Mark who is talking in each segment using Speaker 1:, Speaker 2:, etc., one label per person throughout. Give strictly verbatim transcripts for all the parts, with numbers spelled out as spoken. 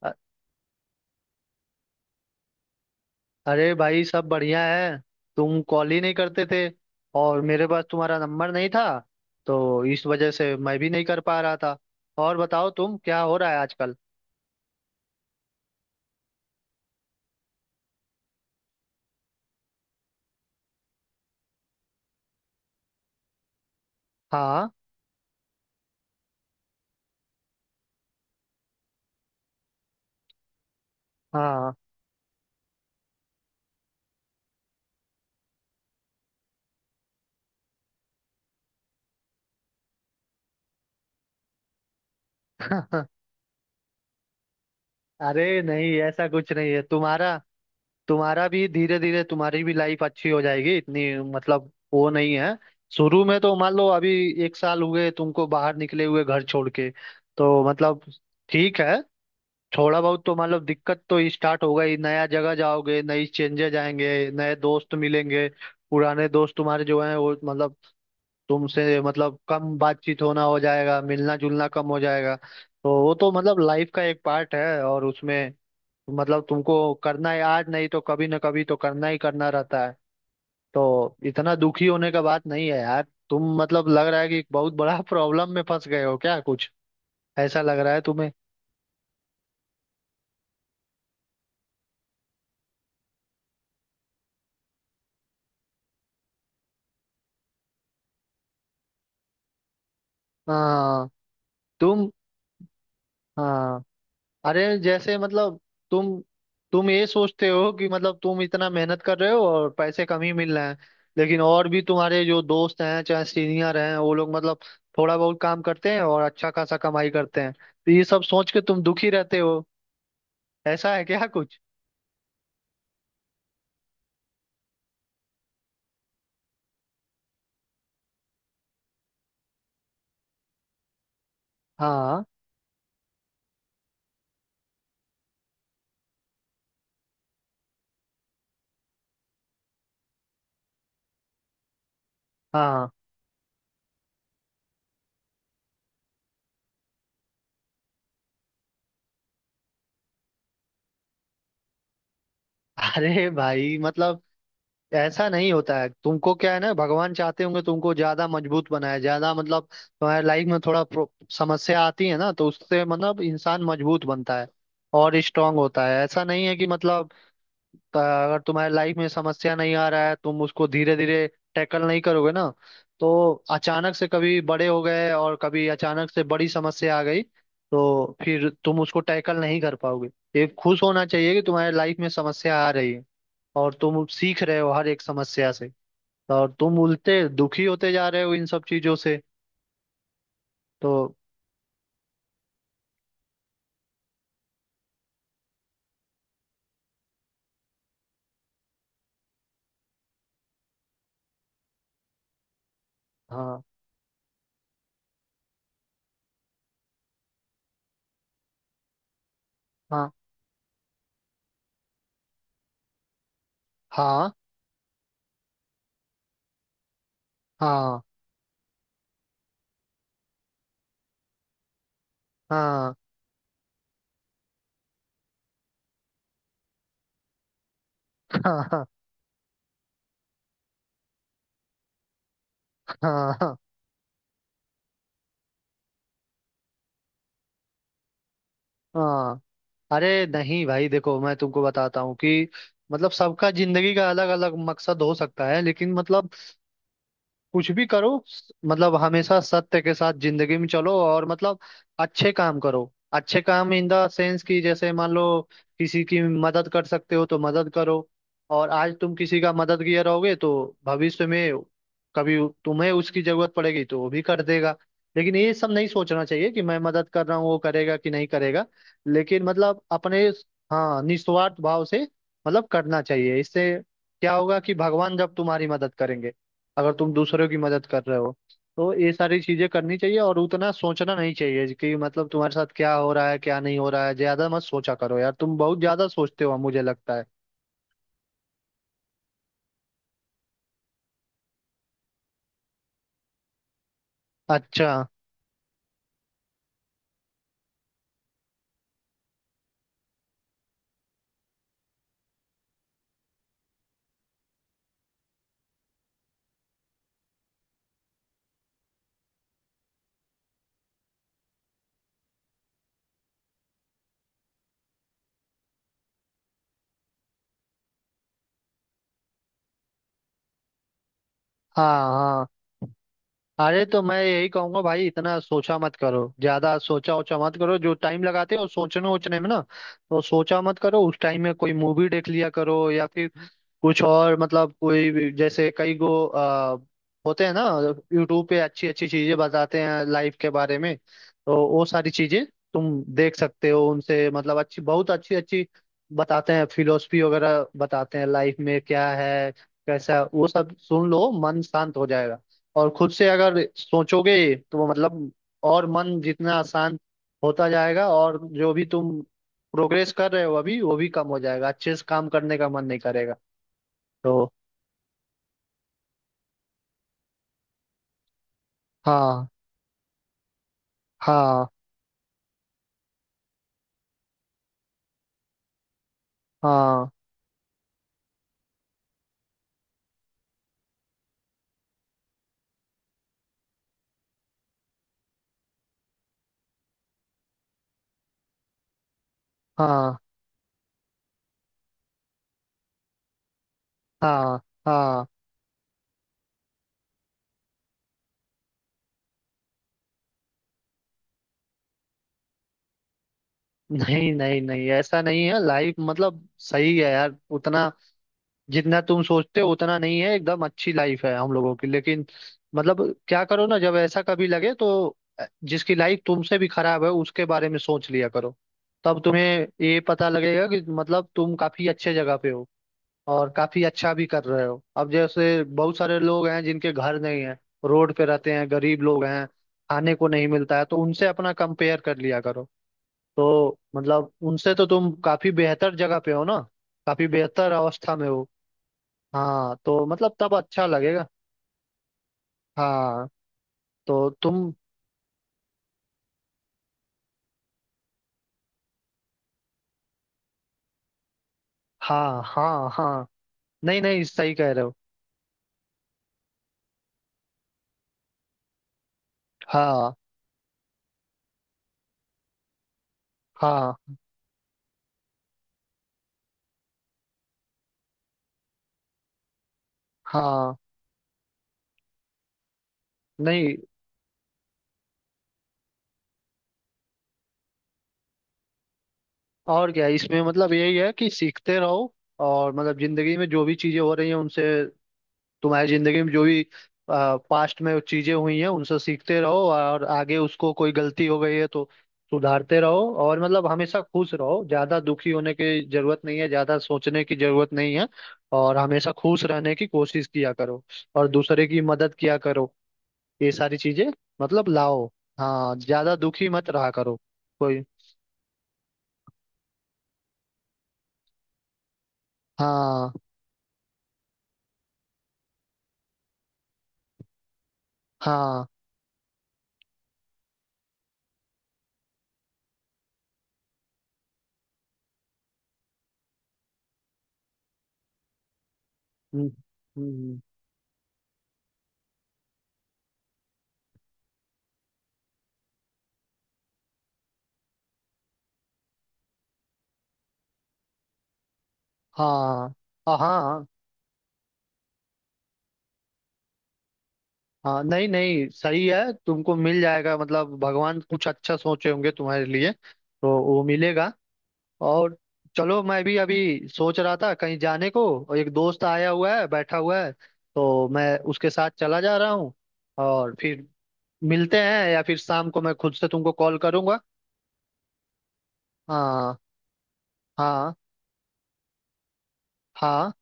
Speaker 1: अ- अरे भाई सब बढ़िया है। तुम कॉल ही नहीं करते थे और मेरे पास तुम्हारा नंबर नहीं था तो इस वजह से मैं भी नहीं कर पा रहा था। और बताओ तुम क्या हो रहा है आजकल। हाँ। हाँ। अरे नहीं ऐसा कुछ नहीं है तुम्हारा। तुम्हारा भी धीरे धीरे तुम्हारी भी लाइफ अच्छी हो जाएगी इतनी। मतलब वो नहीं है। शुरू में तो मान लो अभी एक साल हुए तुमको बाहर निकले हुए घर छोड़ के, तो मतलब ठीक है। थोड़ा बहुत तो मतलब दिक्कत तो स्टार्ट होगा ही, नया जगह जाओगे, नई चेंजेज आएंगे, नए दोस्त मिलेंगे। पुराने दोस्त तुम्हारे जो हैं वो मतलब तुमसे मतलब कम बातचीत होना हो जाएगा, मिलना जुलना कम हो जाएगा, तो वो तो मतलब लाइफ का एक पार्ट है। और उसमें मतलब तुमको करना है, आज नहीं तो कभी ना कभी तो करना ही करना रहता है। तो इतना दुखी होने का बात नहीं है यार। तुम मतलब लग रहा है कि एक बहुत बड़ा प्रॉब्लम में फंस गए हो क्या कुछ, ऐसा लग रहा है तुम्हें? हाँ। तुम हाँ। अरे जैसे मतलब तुम तुम ये सोचते हो कि मतलब तुम इतना मेहनत कर रहे हो और पैसे कम ही मिल रहे हैं। लेकिन और भी तुम्हारे जो दोस्त हैं चाहे सीनियर हैं वो लोग मतलब थोड़ा बहुत काम करते हैं और अच्छा खासा कमाई करते हैं, तो ये सब सोच के तुम दुखी रहते हो, ऐसा है क्या कुछ? हाँ। हाँ। अरे भाई मतलब ऐसा नहीं होता है। तुमको क्या है ना, भगवान चाहते होंगे तुमको ज्यादा मजबूत बनाए, ज्यादा मतलब तुम्हारे लाइफ में थोड़ा प्रो- समस्या आती है ना तो उससे मतलब इंसान मजबूत बनता है और स्ट्रांग होता है। ऐसा नहीं है कि मतलब अ, अगर तुम्हारे लाइफ में समस्या नहीं आ रहा है, तुम उसको धीरे धीरे टैकल नहीं करोगे ना। तो अचानक से कभी बड़े हो गए और कभी अचानक से बड़ी समस्या आ गई, तो फिर तुम उसको टैकल नहीं कर पाओगे। ये खुश होना चाहिए कि तुम्हारे लाइफ में समस्या आ रही है और तुम सीख रहे हो हर एक समस्या से। और तुम उल्टे दुखी होते जा रहे हो इन सब चीजों से, तो। हाँ। हाँ। हाँ। हाँ। हाँ। हाँ। हाँ। हाँ। हाँ। अरे नहीं भाई देखो, मैं तुमको बताता हूँ कि मतलब सबका जिंदगी का अलग अलग मकसद हो सकता है, लेकिन मतलब कुछ भी करो, स- मतलब हमेशा सत्य के साथ जिंदगी में चलो और मतलब अच्छे काम करो। अच्छे काम इन द सेंस कि जैसे मान लो किसी की मदद कर सकते हो तो मदद करो। और आज तुम किसी का मददगार रहोगे तो भविष्य में कभी उ- तुम्हें उसकी जरूरत पड़ेगी तो वो भी कर देगा। लेकिन ये सब नहीं सोचना चाहिए कि मैं मदद कर रहा हूँ, वो करेगा कि नहीं करेगा। लेकिन मतलब अपने, हाँ, निस्वार्थ भाव से मतलब करना चाहिए। इससे क्या होगा कि भगवान जब तुम्हारी मदद करेंगे, अगर तुम दूसरों की मदद कर रहे हो। तो ये सारी चीजें करनी चाहिए और उतना सोचना नहीं चाहिए कि मतलब तुम्हारे साथ क्या हो रहा है, क्या नहीं हो रहा है। ज्यादा मत सोचा करो यार, तुम बहुत ज्यादा सोचते हो मुझे लगता है। अच्छा। हाँ। हाँ। अरे तो मैं यही कहूंगा भाई, इतना सोचा मत करो, ज्यादा सोचा ओचा मत करो, जो टाइम लगाते हो सोचने ओचने में ना, तो सोचा मत करो। उस टाइम में कोई मूवी देख लिया करो, या फिर कुछ और, मतलब कोई भी- जैसे कई गो आ, होते हैं ना, यूट्यूब पे अच्छी अच्छी चीजें बताते हैं लाइफ के बारे में, तो वो सारी चीजें तुम देख सकते हो। उनसे मतलब अच्छी, बहुत अच्छी अच्छी बताते हैं, फिलोसफी वगैरह बताते हैं लाइफ में क्या है, कैसा है, वो सब सुन लो, मन शांत हो जाएगा। और खुद से अगर सोचोगे तो वो मतलब, और मन जितना आसान होता जाएगा, और जो भी तुम प्रोग्रेस कर रहे हो अभी वो भी कम हो जाएगा, अच्छे से काम करने का मन नहीं करेगा, तो। हाँ। हाँ। हाँ। हाँ। हाँ। हाँ। नहीं नहीं नहीं, ऐसा नहीं है। लाइफ मतलब सही है यार, उतना जितना तुम सोचते हो उतना नहीं है, एकदम अच्छी लाइफ है हम लोगों की। लेकिन मतलब क्या करो ना, जब ऐसा कभी लगे तो जिसकी लाइफ तुमसे भी खराब है उसके बारे में सोच लिया करो। तब तुम्हें ये पता लगेगा कि मतलब तुम काफी अच्छे जगह पे हो और काफी अच्छा भी कर रहे हो। अब जैसे बहुत सारे लोग हैं जिनके घर नहीं है, रोड पे रहते हैं, गरीब लोग हैं, खाने को नहीं मिलता है, तो उनसे अपना कंपेयर कर लिया करो। तो मतलब उनसे तो तुम काफी बेहतर जगह पे हो ना, काफी बेहतर अवस्था में हो। हाँ, तो मतलब तब अच्छा लगेगा। हाँ। तो तुम हाँ। हाँ। हाँ। नहीं नहीं, सही कह रहे हो। हाँ। हाँ। हाँ। नहीं, और क्या, इसमें मतलब यही है कि सीखते रहो, और मतलब जिंदगी में जो भी चीजें हो रही हैं उनसे, तुम्हारी जिंदगी में जो भी पास्ट में चीजें हुई हैं उनसे सीखते रहो, और आगे उसको कोई गलती हो गई है तो सुधारते रहो। और मतलब हमेशा खुश रहो, ज्यादा दुखी होने की जरूरत नहीं है, ज्यादा सोचने की जरूरत नहीं है, और हमेशा खुश रहने की कोशिश किया करो, और दूसरे की मदद किया करो, ये सारी चीजें मतलब लाओ। हाँ, ज्यादा दुखी मत रहा करो। कोई हाँ। हाँ। हम्म। हम्म। हाँ। हाँ। हाँ। हाँ। नहीं नहीं, सही है, तुमको मिल जाएगा, मतलब भगवान कुछ अच्छा सोचे होंगे तुम्हारे लिए तो वो मिलेगा। और चलो, मैं भी अभी सोच रहा था कहीं जाने को, और एक दोस्त आया हुआ है, बैठा हुआ है, तो मैं उसके साथ चला जा रहा हूँ, और फिर मिलते हैं, या फिर शाम को मैं खुद से तुमको कॉल करूँगा। हाँ। हाँ। हाँ।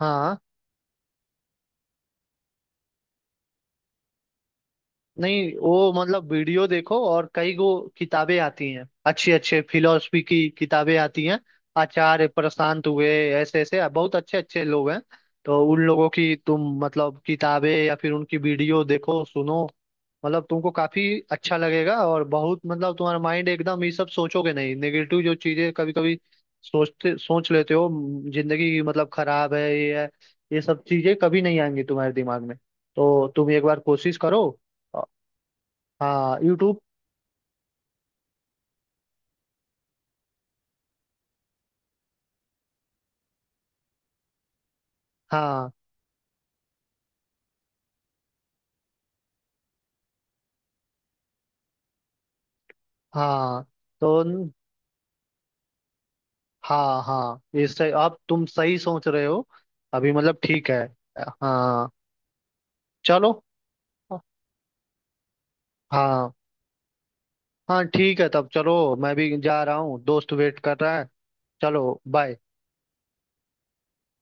Speaker 1: हाँ। नहीं, वो मतलब वीडियो देखो, और कई गो किताबें आती हैं, अच्छे अच्छे फिलोसफी की किताबें आती हैं। आचार्य प्रशांत हुए, ऐसे ऐसे बहुत अच्छे अच्छे लोग हैं, तो उन लोगों की तुम मतलब किताबें या फिर उनकी वीडियो देखो सुनो। मतलब तुमको काफी अच्छा लगेगा, और बहुत मतलब तुम्हारा माइंड एकदम ये सब सोचोगे नहीं, नेगेटिव जो चीजें कभी कभी सोचते सोच लेते हो, म, जिंदगी की मतलब खराब है, ये है, ये सब चीजें कभी नहीं आएंगी तुम्हारे दिमाग में। तो तुम एक बार कोशिश करो। हाँ, यूट्यूब। हाँ। हाँ, तो न- हाँ। हाँ, इससे आप तुम सही सोच रहे हो अभी, मतलब ठीक है। हाँ, चलो। हाँ। हाँ ठीक है, तब चलो। मैं भी जा रहा हूँ, दोस्त वेट कर रहा है। चलो बाय।